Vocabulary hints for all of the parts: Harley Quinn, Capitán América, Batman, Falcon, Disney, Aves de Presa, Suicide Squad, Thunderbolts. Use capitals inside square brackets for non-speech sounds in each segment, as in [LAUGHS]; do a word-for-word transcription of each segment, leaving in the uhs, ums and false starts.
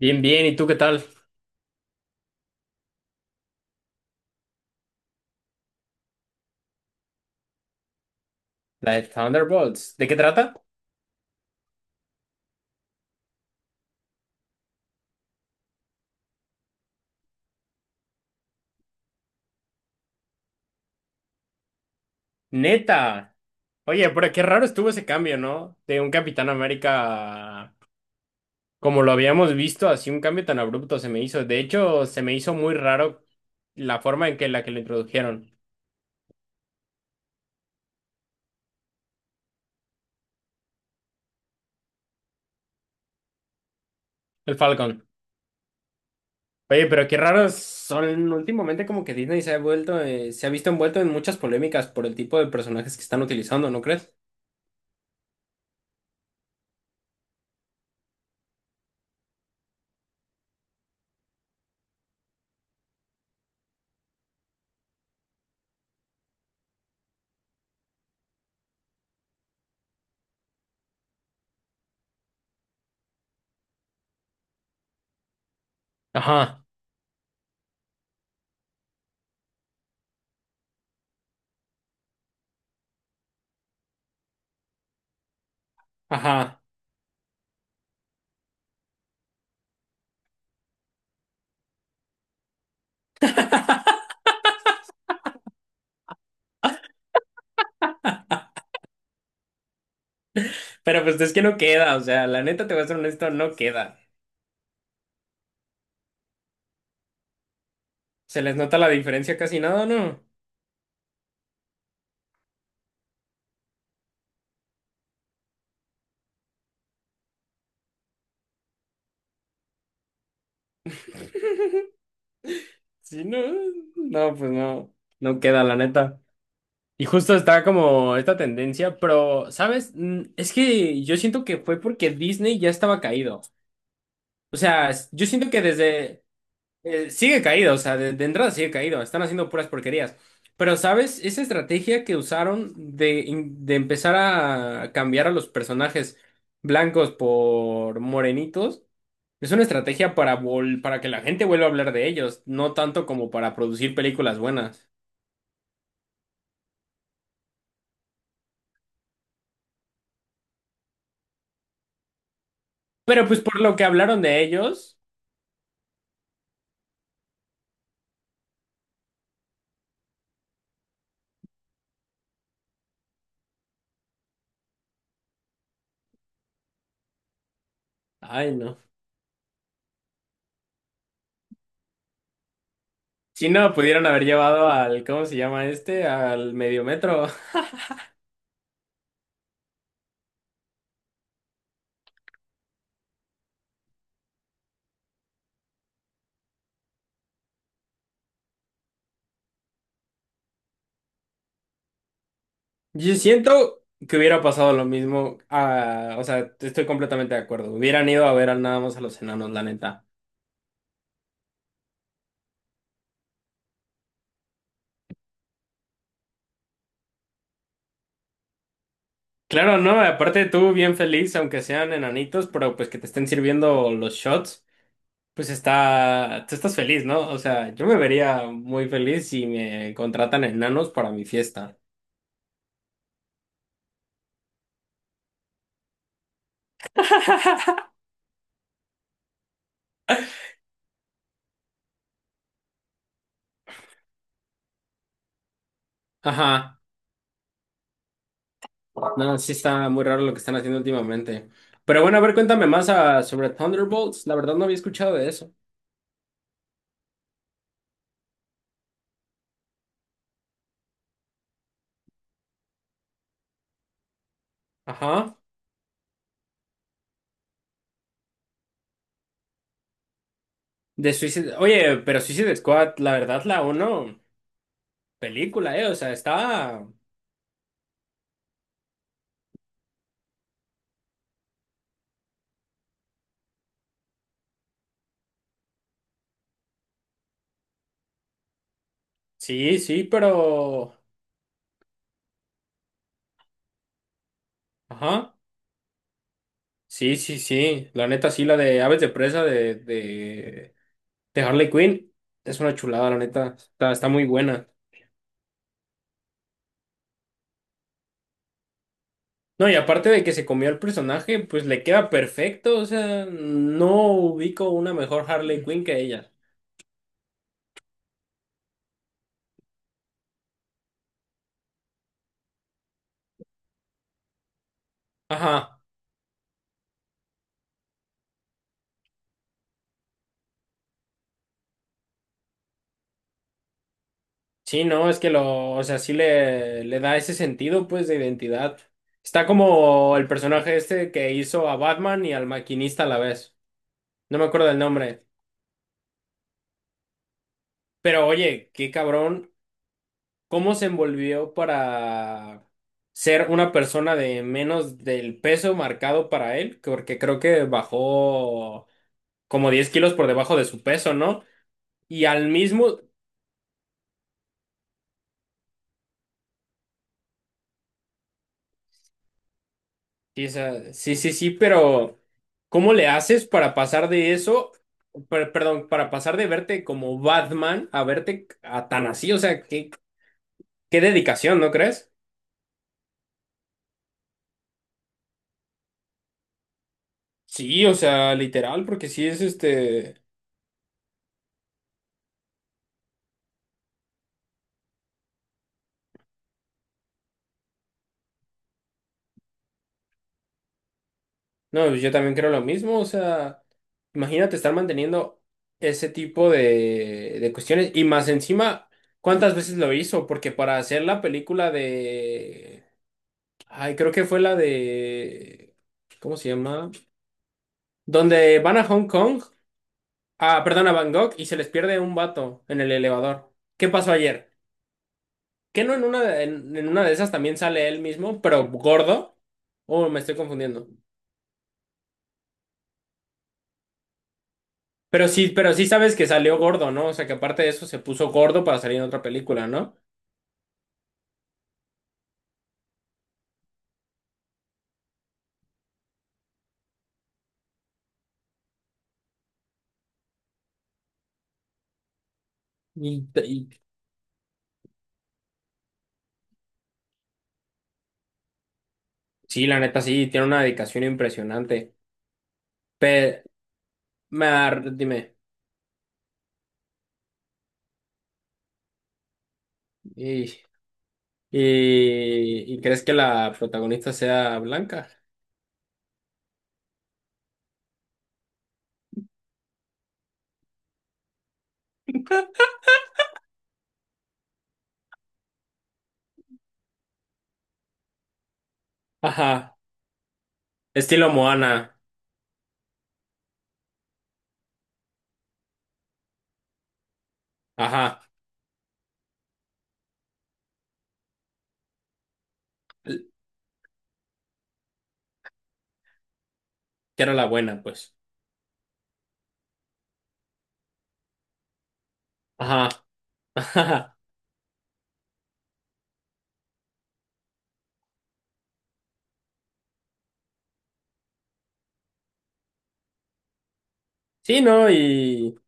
Bien, bien, ¿y tú qué tal? La de Thunderbolts. ¿De qué trata? Neta. Oye, pero qué raro estuvo ese cambio, ¿no? De un Capitán América, a como lo habíamos visto, así un cambio tan abrupto se me hizo. De hecho, se me hizo muy raro la forma en que la que lo introdujeron, el Falcon. Oye, pero qué raro son últimamente como que Disney se ha vuelto, eh, se ha visto envuelto en muchas polémicas por el tipo de personajes que están utilizando, ¿no crees? Ajá, ajá. Pero pues es que no queda, o sea, la neta te voy a ser honesto, no queda. Se les nota la diferencia casi nada, ¿no? Sí, no, no, pues no, no queda, la neta. Y justo está como esta tendencia, pero, ¿sabes? Mm, Es que yo siento que fue porque Disney ya estaba caído. O sea, s- yo siento que desde... eh, sigue caído, o sea, de, de entrada sigue caído, están haciendo puras porquerías. Pero, ¿sabes? Esa estrategia que usaron de, in- de empezar a cambiar a los personajes blancos por morenitos. Es una estrategia para, vol- para que la gente vuelva a hablar de ellos, no tanto como para producir películas buenas. Pero pues por lo que hablaron de ellos, ay no. Si no, pudieron haber llevado al, ¿cómo se llama este? Al medio metro. [LAUGHS] Yo siento que hubiera pasado lo mismo. Ah, o sea, estoy completamente de acuerdo. Hubieran ido a ver al nada más a los enanos, la neta. Claro, no, aparte tú bien feliz, aunque sean enanitos, pero pues que te estén sirviendo los shots. Pues está, tú estás feliz, ¿no? O sea, yo me vería muy feliz si me contratan enanos para mi fiesta. [LAUGHS] Ajá, no, sí está muy raro lo que están haciendo últimamente. Pero bueno, a ver, cuéntame más ah, sobre Thunderbolts. La verdad no había escuchado de eso. Ajá, de Suicide. Oye, pero Suicide Squad, la verdad, la uno película, ¿eh? O sea, está. Sí, sí, pero. Ajá, sí, sí, sí. La neta, sí, la de Aves de Presa de, de de Harley Quinn es una chulada, la neta. Está, está muy buena. No, y aparte de que se comió el personaje, pues le queda perfecto. O sea, no ubico una mejor Harley Quinn que ella. Ajá. Sí, no, es que lo, o sea, sí le, le da ese sentido, pues, de identidad. Está como el personaje este que hizo a Batman y al maquinista a la vez. No me acuerdo del nombre. Pero oye, qué cabrón. ¿Cómo se envolvió para ser una persona de menos del peso marcado para él? Porque creo que bajó como diez kilos por debajo de su peso, ¿no? Y al mismo, sí, o sea, sí, sí, sí, pero ¿cómo le haces para pasar de eso, per- perdón, para pasar de verte como Batman a verte a tan así? O sea, qué, qué dedicación, ¿no crees? Sí, o sea, literal, porque sí es este. No, yo también creo lo mismo, o sea, imagínate estar manteniendo ese tipo de, de cuestiones y más encima, ¿cuántas veces lo hizo? Porque para hacer la película de... Ay, creo que fue la de... ¿Cómo se llama? Donde van a Hong Kong, ah, perdón, a Bangkok y se les pierde un vato en el elevador. ¿Qué pasó ayer? ¿Que no en una de, en en una de esas también sale él mismo, pero gordo? ¿O me estoy confundiendo? Pero sí, pero sí sabes que salió gordo, ¿no? O sea, que aparte de eso se puso gordo para salir en otra película, ¿no? Y, y- sí, la neta, sí, tiene una dedicación impresionante. Pero, dime, y, y, ¿y crees que la protagonista sea blanca? Ajá, estilo Moana, ajá, que era la buena, pues. Ajá, [LAUGHS] ajá. Sí, ¿no? Y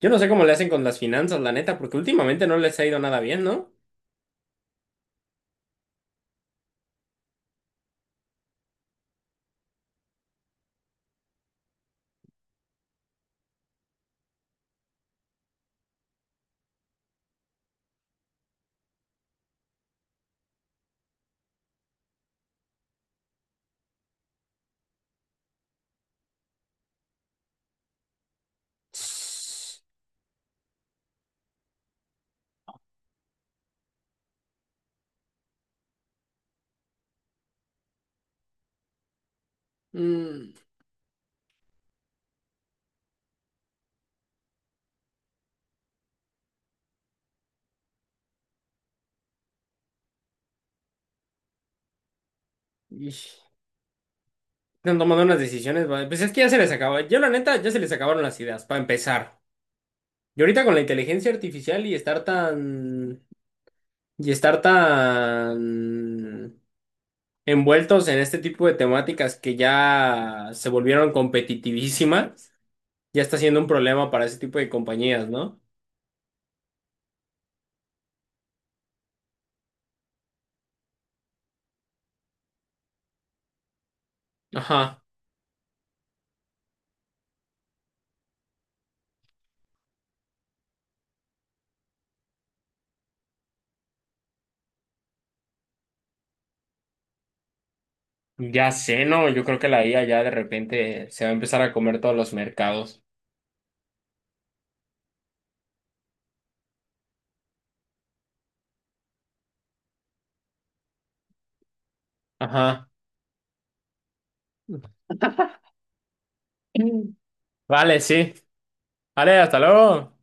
yo no sé cómo le hacen con las finanzas, la neta, porque últimamente no les ha ido nada bien, ¿no? Mm, ij. Están tomando unas decisiones, va- pues es que ya se les acabó. Yo, la neta, ya se les acabaron las ideas, para empezar. Y ahorita con la inteligencia artificial y estar tan. Y estar tan envueltos en este tipo de temáticas que ya se volvieron competitivísimas, ya está siendo un problema para ese tipo de compañías, ¿no? Ajá. Ya sé, ¿no? Yo creo que la I A ya de repente se va a empezar a comer todos los mercados. Ajá. Vale, sí. Vale, hasta luego.